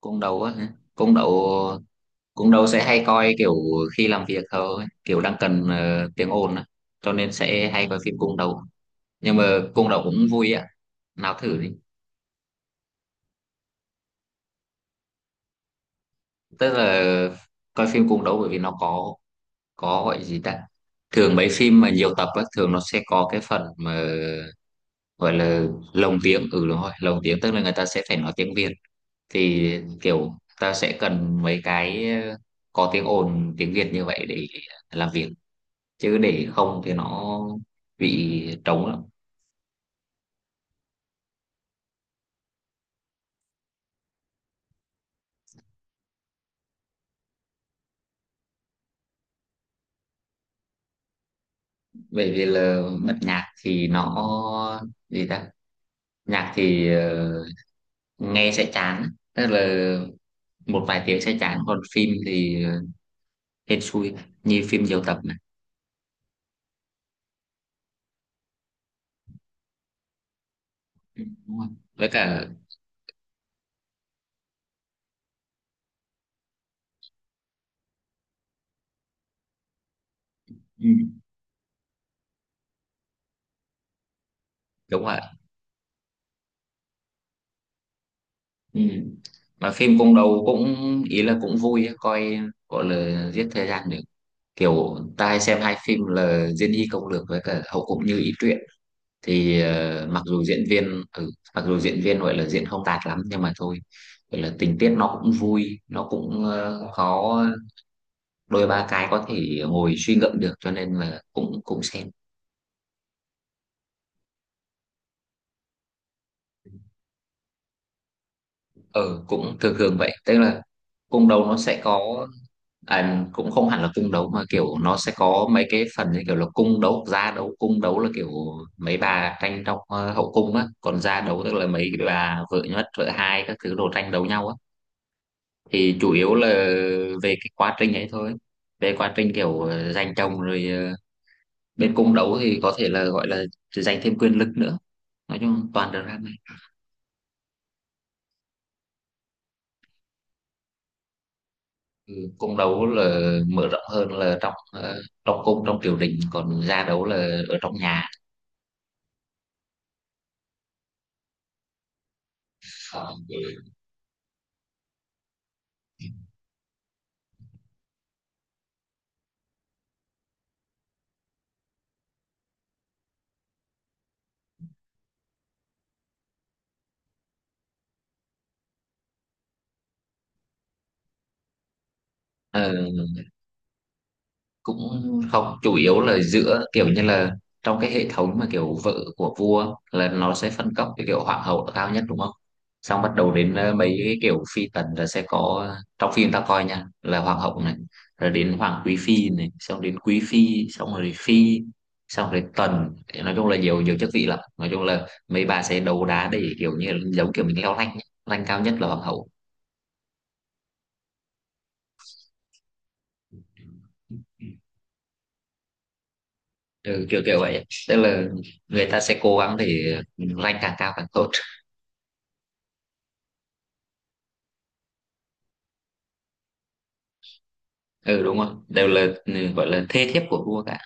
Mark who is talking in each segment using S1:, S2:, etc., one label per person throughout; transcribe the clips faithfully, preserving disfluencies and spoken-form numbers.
S1: Cung đấu á hả? cung đấu cung đấu sẽ hay coi kiểu khi làm việc thôi, kiểu đang cần ờ, tiếng ồn á, cho nên sẽ hay coi phim cung đấu. Nhưng mà cung đấu cũng vui á, nào thử đi. Tức là coi phim cung đấu bởi vì nó có có gọi gì ta, thường mấy phim mà nhiều tập á thường nó sẽ có cái phần mà gọi là lồng tiếng, ừ đúng rồi, lồng tiếng tức là người ta sẽ phải nói tiếng Việt. Thì kiểu ta sẽ cần mấy cái ờ, có tiếng ồn tiếng Việt như vậy để làm việc, chứ để không thì nó bị trống lắm. Bởi vì là bật nhạc thì nó, gì ta, nhạc thì ờ, nghe sẽ chán, tức là một vài tiếng sẽ chán, còn phim thì hên xui, như phim nhiều tập này. Ừ, đúng rồi. Với cả ừ, đúng rồi, ừ. Mà phim cũng đầu cũng, ý là cũng vui á, coi gọi là giết thời gian được. Kiểu ta hay xem hai phim là Diên Hy Công Lược với cả Hậu Cũng Như Ý Truyện. Thì ờ, mặc dù diễn viên, ừ, mặc dù diễn viên gọi là diễn không tạt lắm nhưng mà thôi, gọi là tình tiết nó cũng vui, nó cũng ờ, có đôi ba cái có thể ngồi suy ngẫm được, cho nên là cũng cũng xem. Ừ, cũng thường thường vậy, tức là cung đấu nó sẽ có, à, cũng không hẳn là cung đấu mà kiểu nó sẽ có mấy cái phần như kiểu là cung đấu, gia đấu. Cung đấu là kiểu mấy bà tranh trong ờ, hậu cung á, còn gia đấu tức là mấy bà vợ nhất, vợ hai các thứ đồ tranh đấu nhau á. Thì chủ yếu là về cái quá trình ấy thôi, về quá trình kiểu ờ, giành chồng rồi ờ, bên cung đấu thì có thể là gọi là giành thêm quyền lực nữa. Nói chung toàn drama. Ừ, cung đấu là mở rộng hơn là trong ờ, trong cung, trong triều đình, còn gia đấu là ở trong nhà. Ờ, cũng không, chủ yếu là giữa kiểu như là trong cái hệ thống mà kiểu vợ của vua là nó sẽ phân cấp, cái kiểu hoàng hậu là cao nhất đúng không, xong bắt đầu đến ờ, mấy cái kiểu phi tần là sẽ có. Trong phim ta coi nha là hoàng hậu này, rồi đến hoàng quý phi này, xong đến quý phi, xong rồi phi, xong rồi tần. Thì nói chung là nhiều nhiều chức vị lắm, nói chung là mấy bà sẽ đấu đá để kiểu như giống kiểu mình leo rank ấy. Rank cao nhất là hoàng hậu. Ừ, kiểu kiểu vậy, tức là người ta sẽ cố gắng để rank càng cao càng tốt. Ừ đúng rồi, đều là ừ, gọi là thê thiếp của vua cả.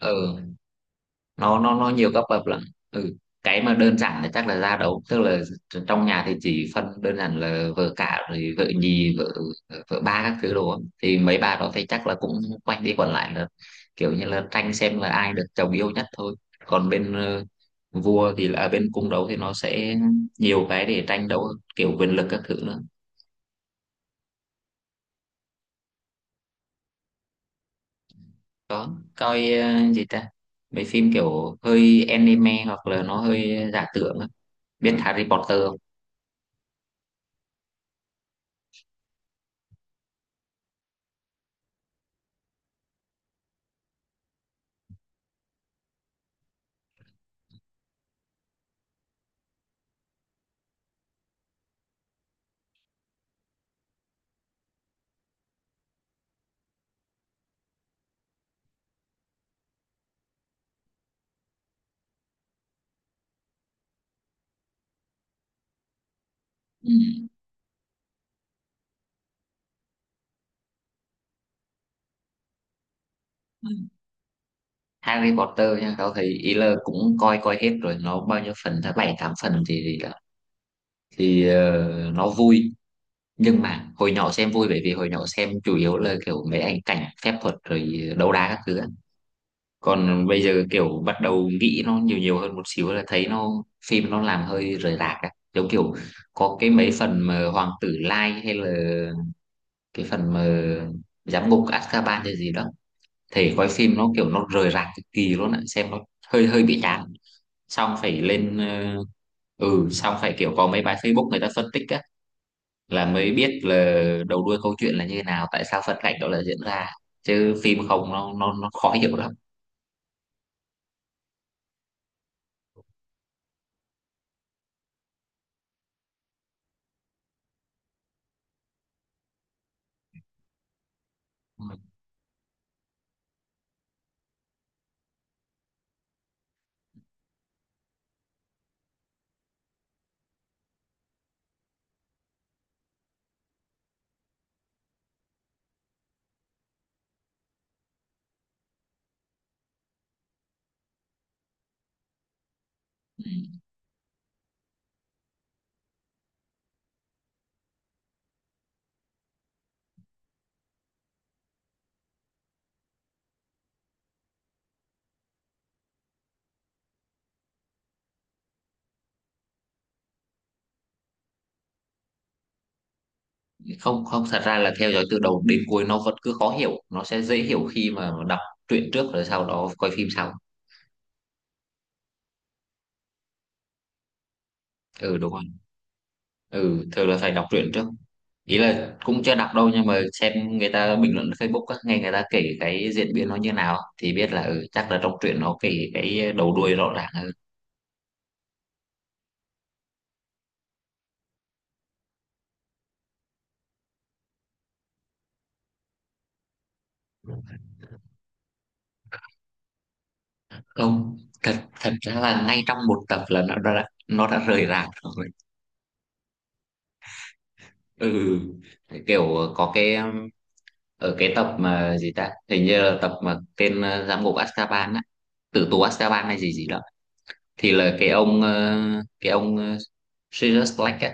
S1: Ừ, nó nó nó nhiều cấp bậc lắm. Ừ, cái mà đơn giản thì chắc là gia đấu, tức là trong nhà thì chỉ phân đơn giản là vợ cả, rồi vợ nhì, vợ vợ ba các thứ đồ á. Thì mấy bà đó thì chắc là cũng quanh đi quẩn lại là kiểu như là tranh xem là ai được chồng yêu nhất thôi. Còn bên ờ, vua thì là à, bên cung đấu thì nó sẽ nhiều cái để tranh đấu, kiểu quyền lực các thứ nữa. Có, coi ờ, gì ta, mấy phim kiểu hơi anime hoặc là nó hơi giả tưởng á. Biết Harry Potter không? Ừ. Ừ. Harry Potter nha, tao thấy ý là cũng coi coi hết rồi, nó bao nhiêu phần ta, bảy tám phần thì thì, là- thì ờ, nó vui, nhưng mà hồi nhỏ xem vui bởi vì hồi nhỏ xem chủ yếu là kiểu mấy ảnh cảnh phép thuật rồi đấu đá các thứ á. Còn bây giờ kiểu bắt đầu nghĩ nó nhiều nhiều hơn một xíu là thấy nó, phim nó làm hơi rời rạc á, giống kiểu có cái mấy phần mà Hoàng tử Lai, hay là cái phần mà giám ngục Azkaban hay gì đó, thể coi phim nó kiểu nó rời rạc cực kỳ luôn ạ, xem nó hơi hơi bị chán. Xong phải lên ờ, ừ, xong phải kiểu có mấy bài Facebook người ta phân tích á, là mới biết là đầu đuôi câu chuyện là như thế nào, tại sao phân cảnh đó là diễn ra, chứ phim không nó nó nó khó hiểu lắm. Không không, thật ra là theo dõi từ đầu đến cuối nó vẫn cứ khó hiểu, nó sẽ dễ hiểu khi mà đọc truyện trước rồi sau đó coi phim sau. Ừ đúng rồi. Ừ, thường là phải đọc truyện trước, ý là cũng chưa đọc đâu nhưng mà xem người ta bình luận Facebook á, nghe người ta kể cái diễn biến nó như nào á, thì biết là ừ, chắc là trong truyện nó kể cái đầu đuôi rõ ràng hơn. Không thật, thật ra là ngay trong một tập là nó đã nó đã rời rạc rồi. Ừ, kiểu có cái ở cái tập mà gì ta, hình như là tập mà tên ờ, giám ngục Azkaban á, tử tù Azkaban hay gì gì đó, thì là cái ông ờ, cái ông ờ, Sirius Black á,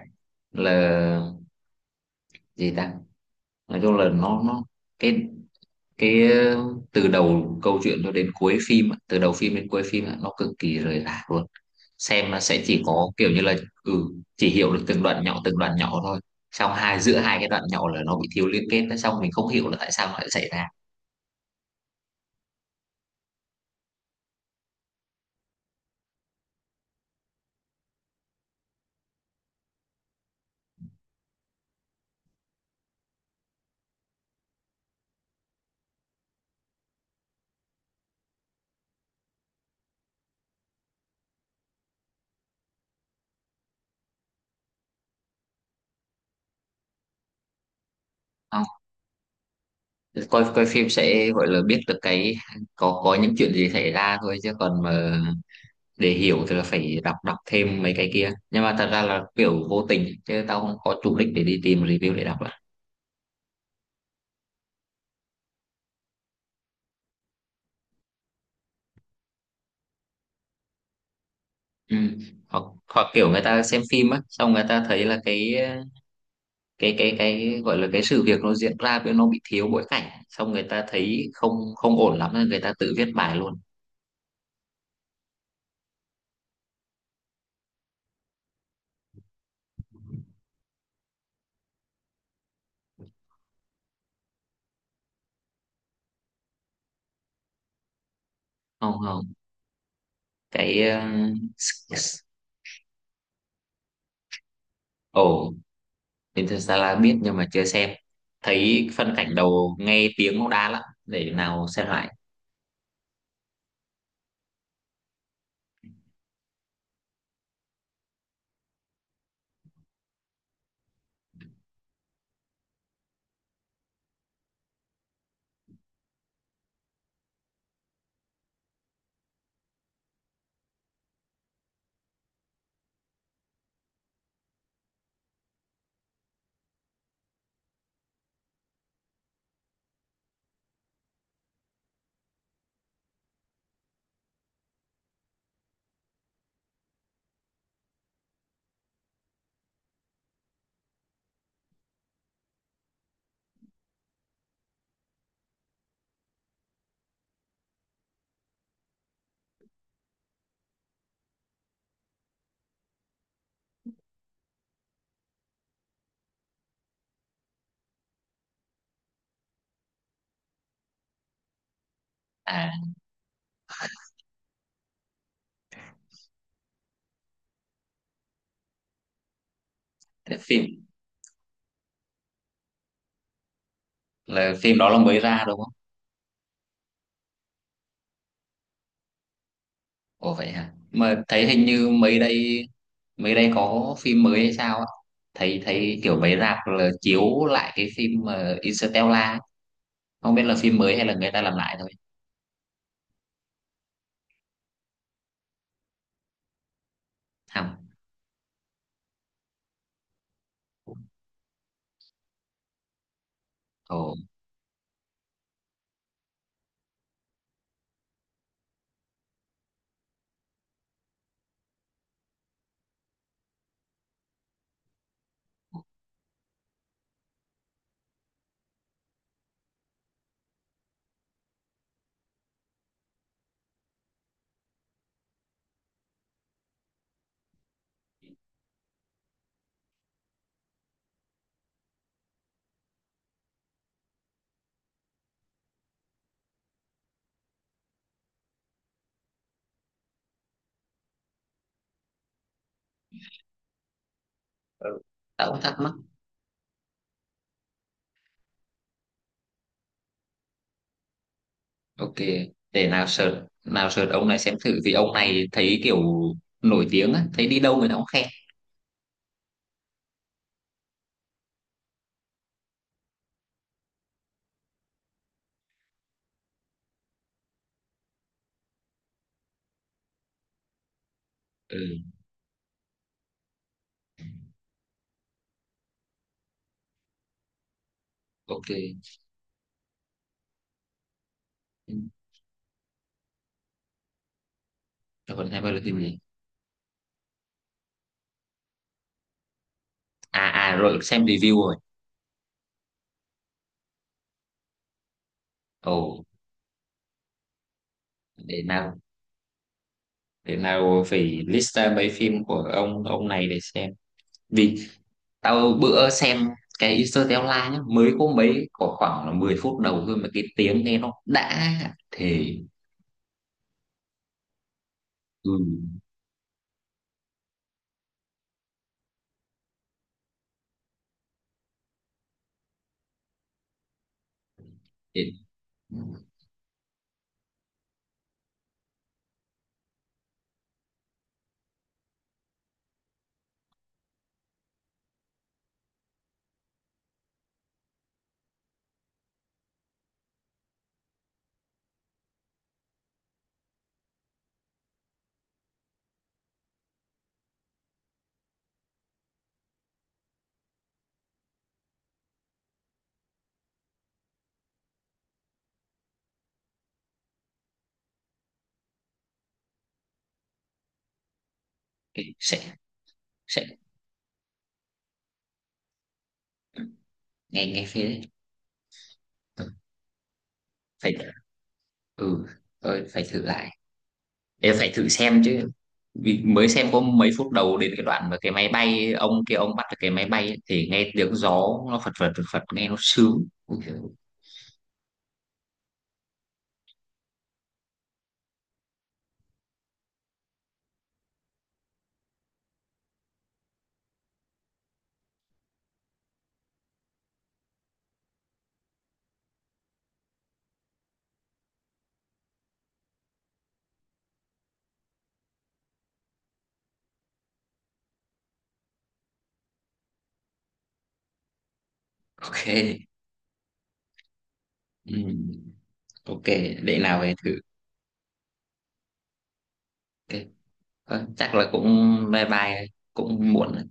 S1: là gì ta, nói chung là nó nó cái cái ờ, từ đầu câu chuyện cho đến cuối phim á, từ đầu phim đến cuối phim á, nó cực kỳ rời rạc luôn. Xem nó sẽ chỉ có kiểu như là ừ, chỉ hiểu được từng đoạn nhỏ từng đoạn nhỏ thôi, xong hai giữa hai cái đoạn nhỏ là nó bị thiếu liên kết, xong mình không hiểu là tại sao nó lại xảy ra. Ờ, coi coi phim sẽ gọi là biết được cái có có những chuyện gì xảy ra thôi, chứ còn mà để hiểu thì là phải đọc đọc thêm mấy cái kia, nhưng mà thật ra là kiểu vô tình chứ tao không có chủ đích để đi tìm review để đọc lại. Ừ. Hoặc hoặc kiểu người ta xem phim á, xong người ta thấy là cái cái cái cái gọi là cái sự việc nó diễn ra với nó bị thiếu bối cảnh, xong người ta thấy không, không ổn lắm nên người ta tự viết bài luôn. Không không, cái uh, s- s- ồ, Interstellar biết nhưng mà chưa xem, thấy phân cảnh đầu nghe tiếng cũng đã lắm, để nào xem lại. À thế phim, là phim đó là mới ra đúng không? Ồ vậy hả, mà thấy hình như mấy đây mấy đây có phim mới hay sao á, thấy thấy kiểu mấy rạp là chiếu lại cái phim mà Interstellar ấy. Không biết là phim mới hay là người ta làm lại thôi. Hầm. Ồ. Ừ. Tao cũng thắc mắc. Ok, để nào search, nào search ông này xem thử, vì ông này thấy kiểu nổi tiếng á, thấy đi đâu người ta cũng khen. Ừ. Ok. Rồi còn hai ba lượt phim gì? À à, rồi xem review rồi. Ồ. Để nào, để nào phải list ra mấy phim của ông ông này để xem. Vì tao bữa xem cái Interstellar nhá, mới có mấy, có khoảng là mười phút đầu thôi mà cái tiếng nghe nó đã, thì ừ. Để, ừ, cái- sẽ sẽ nghe, nghe phê đấy. Ừ, phải, ừ, rồi phải thử lại, em phải thử xem chứ. Vì mới xem có mấy phút đầu đến cái đoạn mà cái máy bay ông kia ông bắt được cái máy bay ấy, thì nghe tiếng gió nó phật phật phật phật nghe nó sướng. Ui giời, ok. Ừ. Ok, để nào về thử. Ok. Thôi, chắc là cũng bye bye, cũng muộn.